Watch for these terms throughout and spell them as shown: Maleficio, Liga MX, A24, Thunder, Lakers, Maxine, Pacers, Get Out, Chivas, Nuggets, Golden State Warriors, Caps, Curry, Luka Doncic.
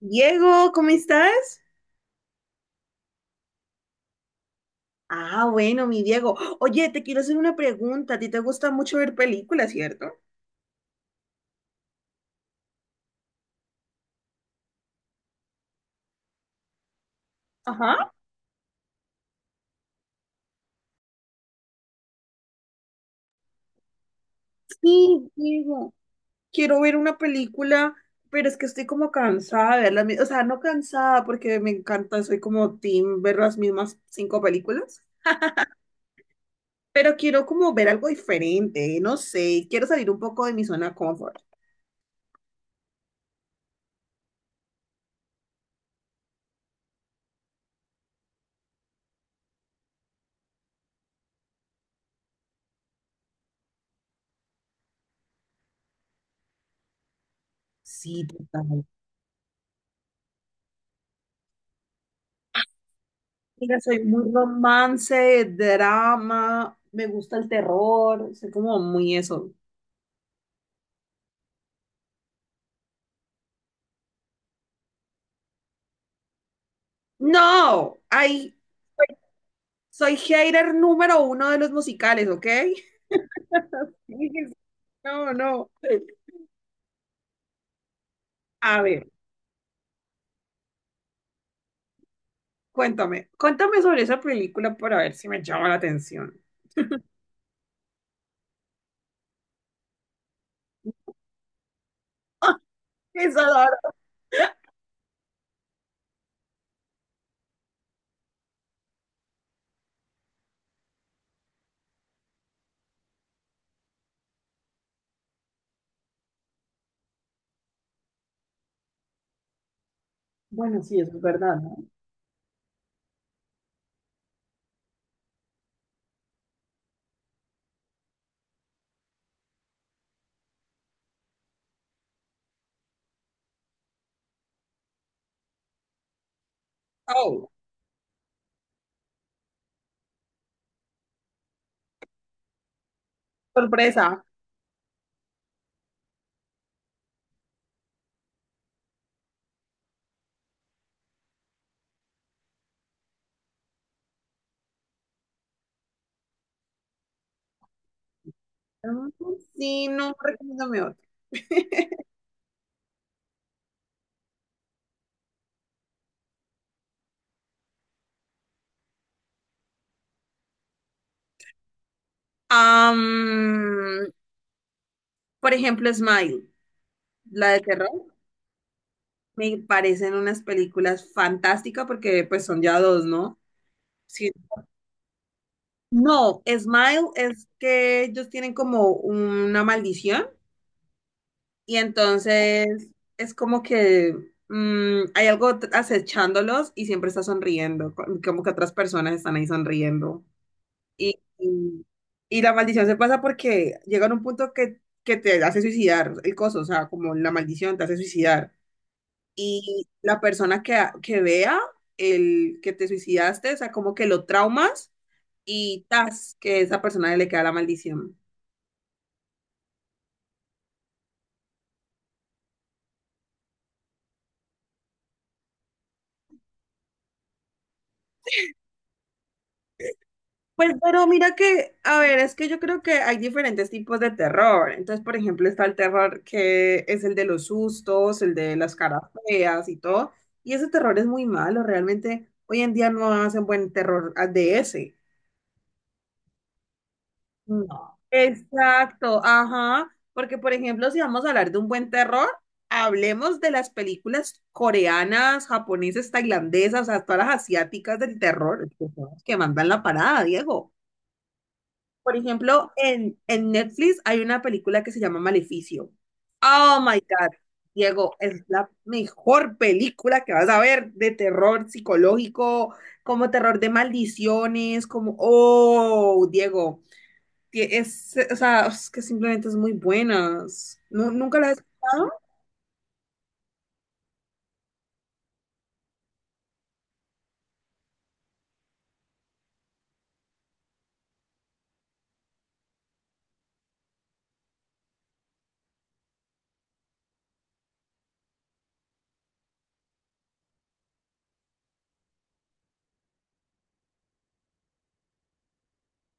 Diego, ¿cómo estás? Ah, bueno, mi Diego. Oye, te quiero hacer una pregunta. ¿A ti te gusta mucho ver películas, cierto? Ajá. Sí, Diego. Quiero ver una película, pero es que estoy como cansada de verla. O sea, no cansada porque me encanta, soy como team ver las mismas cinco películas. Pero quiero como ver algo diferente, no sé, quiero salir un poco de mi zona de confort. Sí, total. Mira, soy muy romance, drama, me gusta el terror, soy como muy eso. No, ay, soy hater número uno de los musicales, ¿ok? No, no. A ver. Cuéntame, cuéntame sobre esa película para ver si me llama la atención. Esa dar- Bueno, sí, eso es verdad, ¿no? Oh, sorpresa. Mm, sí, no, recomiéndame otra. Am, por ejemplo, Smile, la de terror, me parecen unas películas fantásticas porque pues son ya dos, ¿no? Sí. No, Smile es que ellos tienen como una maldición. Y entonces es como que hay acechándolos y siempre está sonriendo, como que otras personas están ahí sonriendo. Y, y, y la maldición se pasa porque llega a un punto que te hace suicidar el coso, o sea, como la maldición te hace suicidar. Y la persona que vea el que te suicidaste, o sea, como que lo traumas y tas, que esa persona le queda la maldición. Pues, pero mira que, a ver, es que yo creo que hay diferentes tipos de terror. Entonces, por ejemplo, está el terror que es el de los sustos, el de las caras feas y todo. Y ese terror es muy malo, realmente hoy en día no hacen buen terror de ese. No. Exacto, ajá. Porque, por ejemplo, si vamos a hablar de un buen terror, hablemos de las películas coreanas, japonesas, tailandesas, o sea, todas las asiáticas del terror, que son las que mandan la parada, Diego. Por ejemplo, en Netflix hay una película que se llama Maleficio. Oh my God, Diego, es la mejor película que vas a ver de terror psicológico, como terror de maldiciones, como, oh, Diego, que es, o sea, es que simplemente es muy buena. ¿Nunca la has escuchado?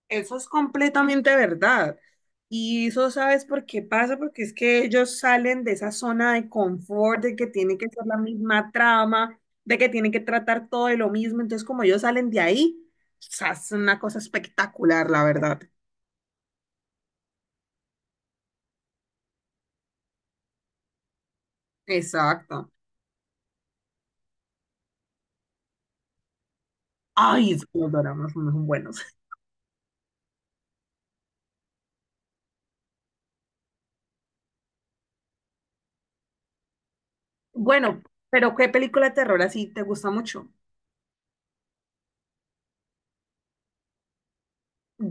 Eso es completamente verdad. Y eso sabes por qué pasa, porque es que ellos salen de esa zona de confort, de que tiene que ser la misma trama, de que tienen que tratar todo de lo mismo. Entonces, como ellos salen de ahí, o sea, es una cosa espectacular, la verdad. Exacto. Ay, es que los dramas no son buenos. Bueno, pero ¿qué película de terror así te gusta mucho?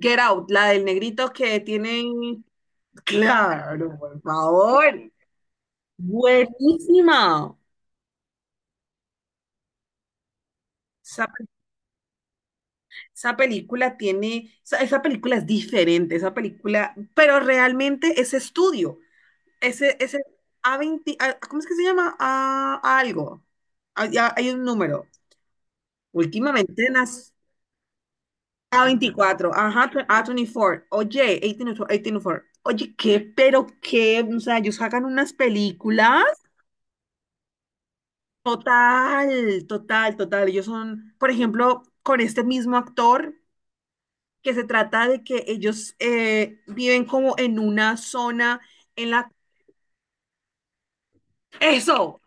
Get Out, la del negrito que tiene... Claro, por favor. Buenísima. Esa película tiene, esa película es diferente, esa película, pero realmente ese estudio, ese a veinte ¿cómo es que se llama? A algo. Hay un número. Últimamente nas a veinticuatro ajá, A24, oye, 18, 18, oye, ¿qué? Pero qué, o sea, ellos sacan unas películas. Total, total, total. Ellos son, por ejemplo, con este mismo actor. Que se trata de que ellos viven como en una zona en la... Eso,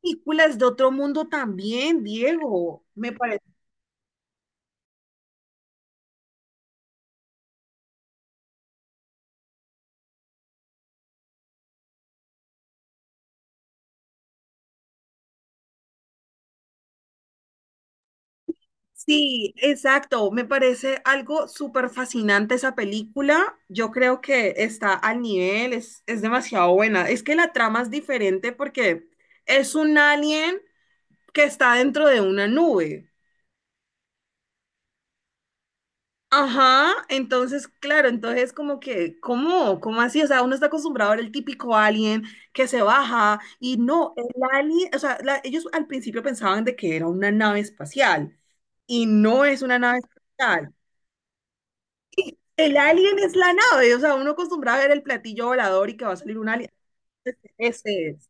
películas de otro mundo también, Diego, me parece. Sí, exacto, me parece algo súper fascinante esa película. Yo creo que está al nivel, es demasiado buena. Es que la trama es diferente porque es un alien que está dentro de una nube. Ajá, entonces, claro, entonces como que, ¿cómo? ¿Cómo así? O sea, uno está acostumbrado a ver el típico alien que se baja y no, el alien, o sea, ellos al principio pensaban de que era una nave espacial y no es una nave espacial. El alien es la nave, o sea, uno acostumbrado a ver el platillo volador y que va a salir un alien. Ese es.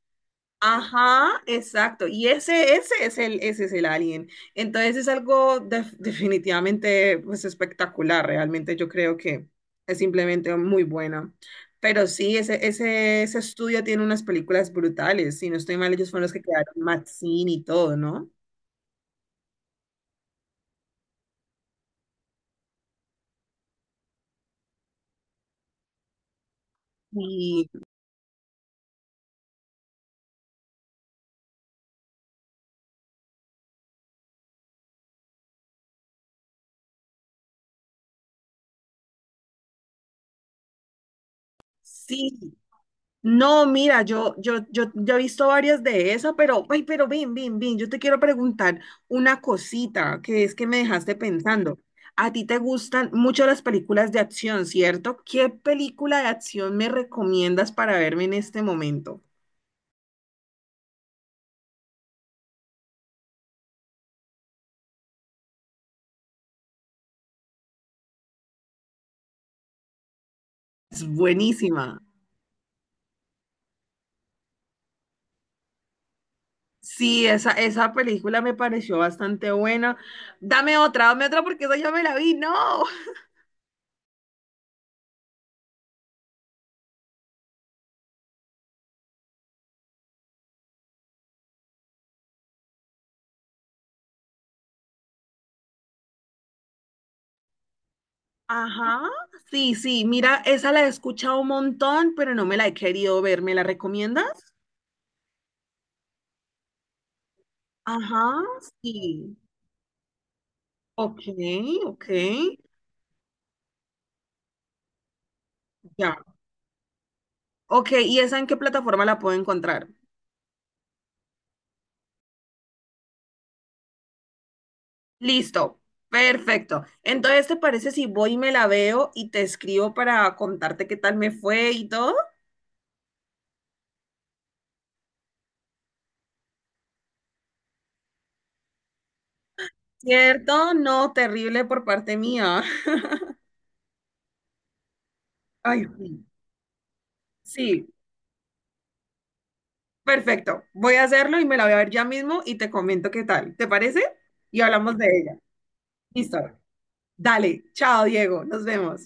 Ajá, exacto. Y ese es el alien. Entonces es algo definitivamente pues, espectacular. Realmente yo creo que es simplemente muy bueno. Pero sí, ese estudio tiene unas películas brutales. Si no estoy mal, ellos fueron los que crearon Maxine y todo, ¿no? Y sí, no, mira, yo he visto varias de esas, pero, ay, pero bien, bien, bien, yo te quiero preguntar una cosita que es que me dejaste pensando. A ti te gustan mucho las películas de acción, ¿cierto? ¿Qué película de acción me recomiendas para verme en este momento? Es buenísima. Sí, esa película me pareció bastante buena. Dame otra porque esa ya me la vi, no. Ajá, sí, sí, mira, esa la he escuchado un montón, pero no me la he querido ver. ¿Me la recomiendas? Ajá, sí. Ok, ok, ya. Ok, ¿y esa en qué plataforma la puedo encontrar? Listo, perfecto. Entonces, ¿te parece si voy y me la veo y te escribo para contarte qué tal me fue y todo? ¿Cierto? No, terrible por parte mía. Ay, sí. Sí, perfecto. Voy a hacerlo y me la voy a ver ya mismo y te comento qué tal. ¿Te parece? Y hablamos de ella. Listo. Dale, chao, Diego. Nos vemos.